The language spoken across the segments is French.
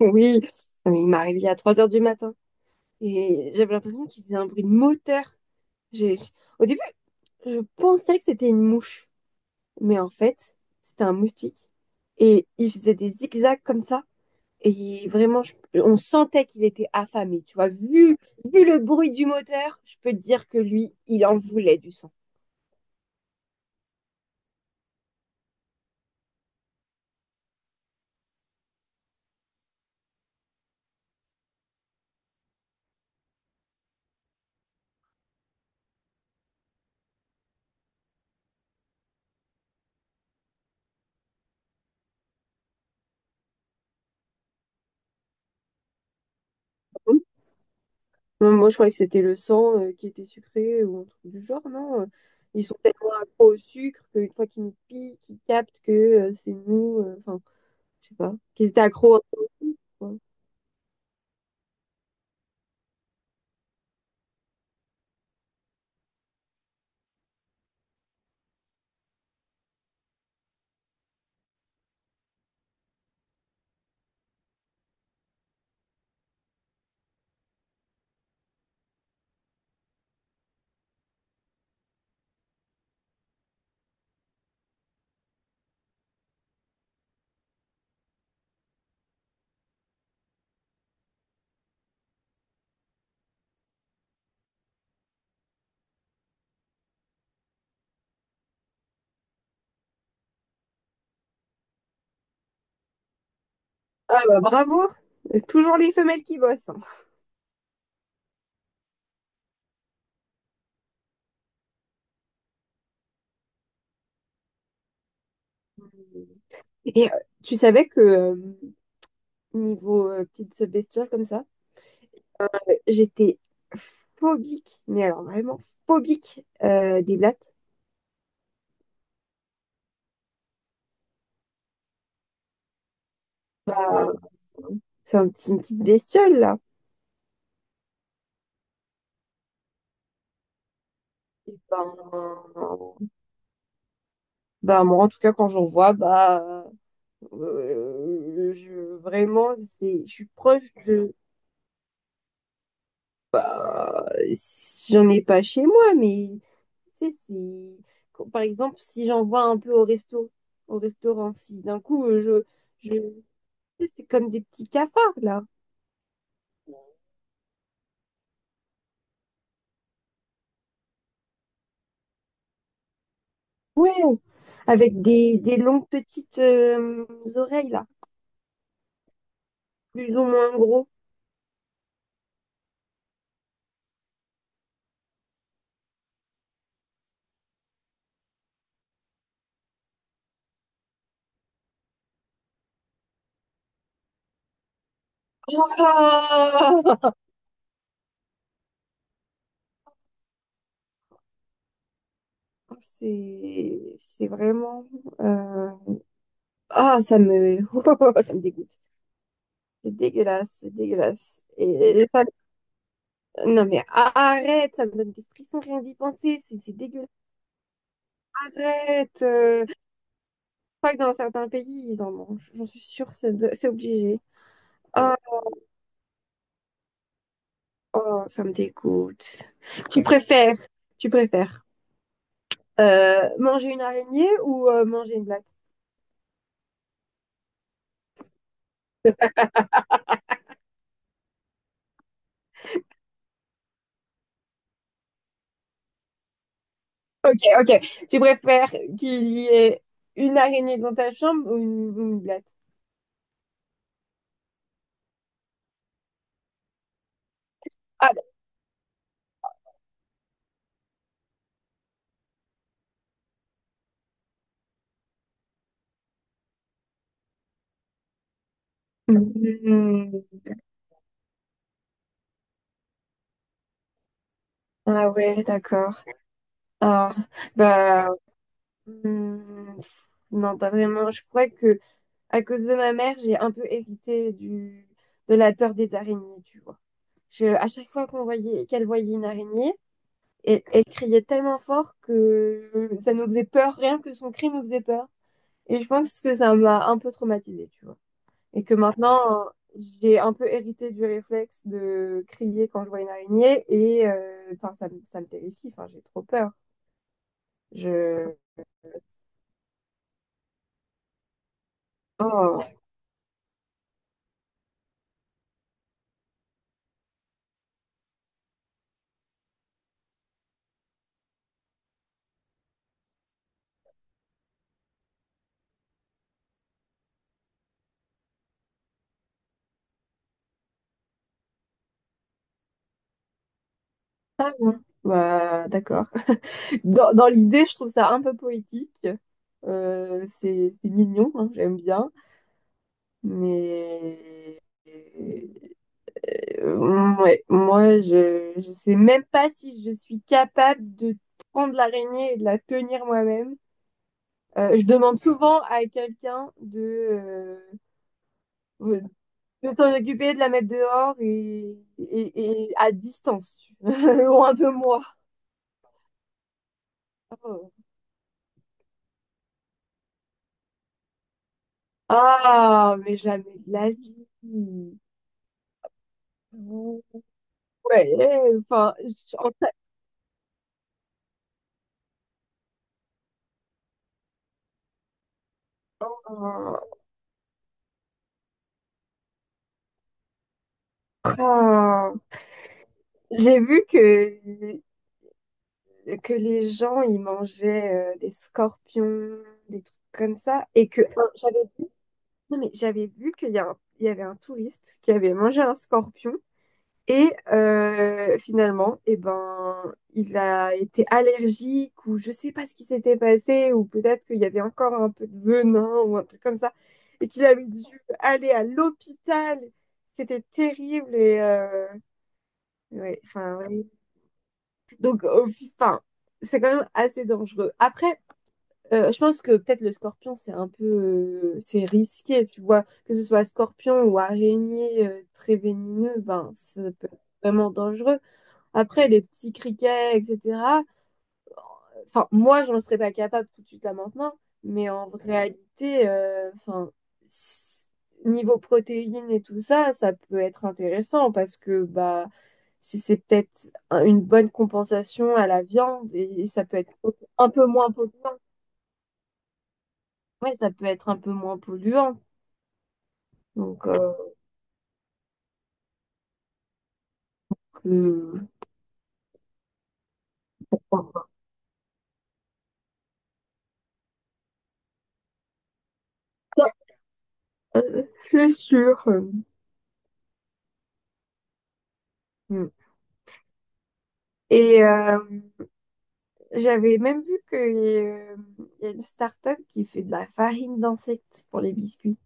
Oui. Non, mais il m'a réveillée à 3 heures du matin et j'avais l'impression qu'il faisait un bruit de moteur. J'ai... j'- Au début, je pensais que c'était une mouche, mais en fait, c'était un moustique. Et il faisait des zigzags comme ça. Et vraiment, on sentait qu'il était affamé, tu vois. Vu le bruit du moteur, je peux te dire que lui, il en voulait du sang. Hum. Moi, je croyais que c'était le sang qui était sucré ou un truc du genre, non? Ils sont tellement accros au sucre qu'une fois qu'ils nous piquent, ils captent que c'est nous. Enfin, je sais pas. Qu'ils étaient accros. Ouais. Ah bah bravo! Toujours les femelles qui bossent, hein. Et tu savais que niveau petite bestiole comme ça, j'étais phobique, mais alors vraiment phobique des blattes. Ah, une petite bestiole là. Et ben, bah, moi, en tout cas, quand j'en vois, euh, je, vraiment, je suis proche de. euh, J'en ai pas chez moi, mais tu sais, par exemple, si j'en vois un peu au resto, au restaurant, si d'un coup, tu sais, c'est comme des petits cafards, là. Oui, avec des longues petites oreilles, là, plus ou moins gros. Ah, c'est vraiment. euh, Ah, ça me dégoûte. C'est dégueulasse, c'est dégueulasse. Et non mais arrête, ça me donne des frissons rien d'y penser, c'est dégueulasse. Arrête. Je crois que dans certains pays, ils en mangent. J'en suis sûre, c'est obligé. Oh, oh, ça me dégoûte. Tu préfères, tu préfères manger une araignée ou manger une blatte? Ok, ok. Tu préfères qu'il y ait une araignée dans ta chambre ou une blatte? Ah, bah. Mhm. Ah ouais, d'accord. Ah. Bah hmm, non, pas vraiment. Je crois que à cause de ma mère, j'ai un peu hérité du de la peur des araignées, tu vois. À chaque fois qu'on voyait qu'elle voyait une araignée, elle criait tellement fort que ça nous faisait peur, rien que son cri nous faisait peur. Et je pense que ça m'a un peu traumatisée, tu vois. Et que maintenant, j'ai un peu hérité du réflexe de crier quand je vois une araignée et ça me terrifie, enfin j'ai trop peur. Je. Oh, ah, bah, d'accord. Dans l'idée, je trouve ça un peu poétique. C'est mignon, hein, j'aime bien. Mais ouais, je sais même pas si je suis capable de prendre l'araignée et de la tenir moi-même. Je demande souvent à quelqu'un euh, de s'en occuper, de la mettre dehors et à distance, loin de moi. Oh. Ah, mais jamais de la vie. Ouais, en fait, euh, ah, j'ai vu que les gens, ils mangeaient des scorpions, des trucs comme ça, et que ah, j'avais vu, non, mais j'avais vu qu'il y a un- il y avait un touriste qui avait mangé un scorpion. Et finalement, eh ben, il a été allergique ou je sais pas ce qui s'était passé ou peut-être qu'il y avait encore un peu de venin ou un truc comme ça et qu'il avait dû aller à l'hôpital. C'était terrible et ouais, enfin ouais. Enfin, c'est quand même assez dangereux. Après, je pense que peut-être le scorpion c'est un peu c'est risqué, tu vois, que ce soit scorpion ou araignée très vénéneux, ben ça peut être vraiment dangereux. Après, les petits criquets, etc. Enfin, moi, j'en serais pas capable tout de suite là maintenant, mais en réalité, s- niveau protéines et tout ça, ça peut être intéressant parce que bah, c'est peut-être une bonne compensation à la viande et ça peut être un peu moins polluant. Ouais, ça peut être un peu moins polluant. Donc, que- c'est sûr. Mm. Et j'avais même vu qu'il y a une start-up qui fait de la farine d'insectes pour les biscuits.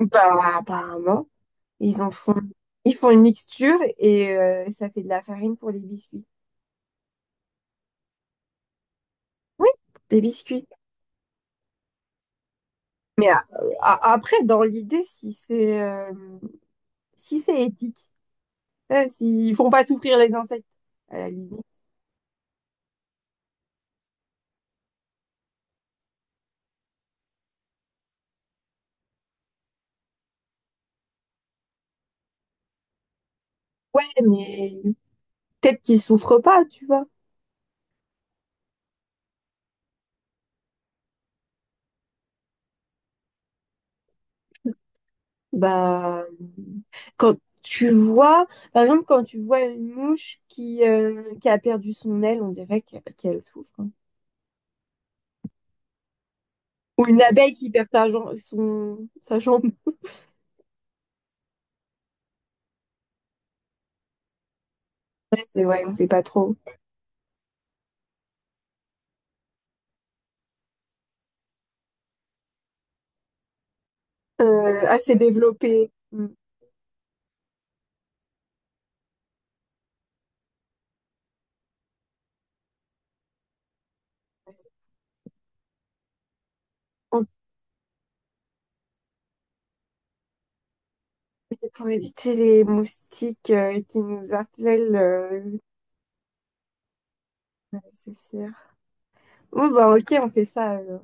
Bah, apparemment, ils en font, ils font une mixture et ça fait de la farine pour les biscuits. Oui, des biscuits. Mais a- Après, dans l'idée, si c'est si c'est éthique, s'ils font pas souffrir les insectes, à la limite. Ouais, mais peut-être qu'ils souffrent pas, tu vois. Bah, quand tu vois, par exemple, quand tu vois une mouche qui a perdu son aile, on dirait qu'elle souffre, hein. Ou une abeille qui perd sa jambe. C'est ouais, on sait pas trop. Assez développé. Mm. On-. Pour éviter les moustiques qui nous harcèlent, ouais, c'est sûr. Bon, bah, ok, on fait ça, alors.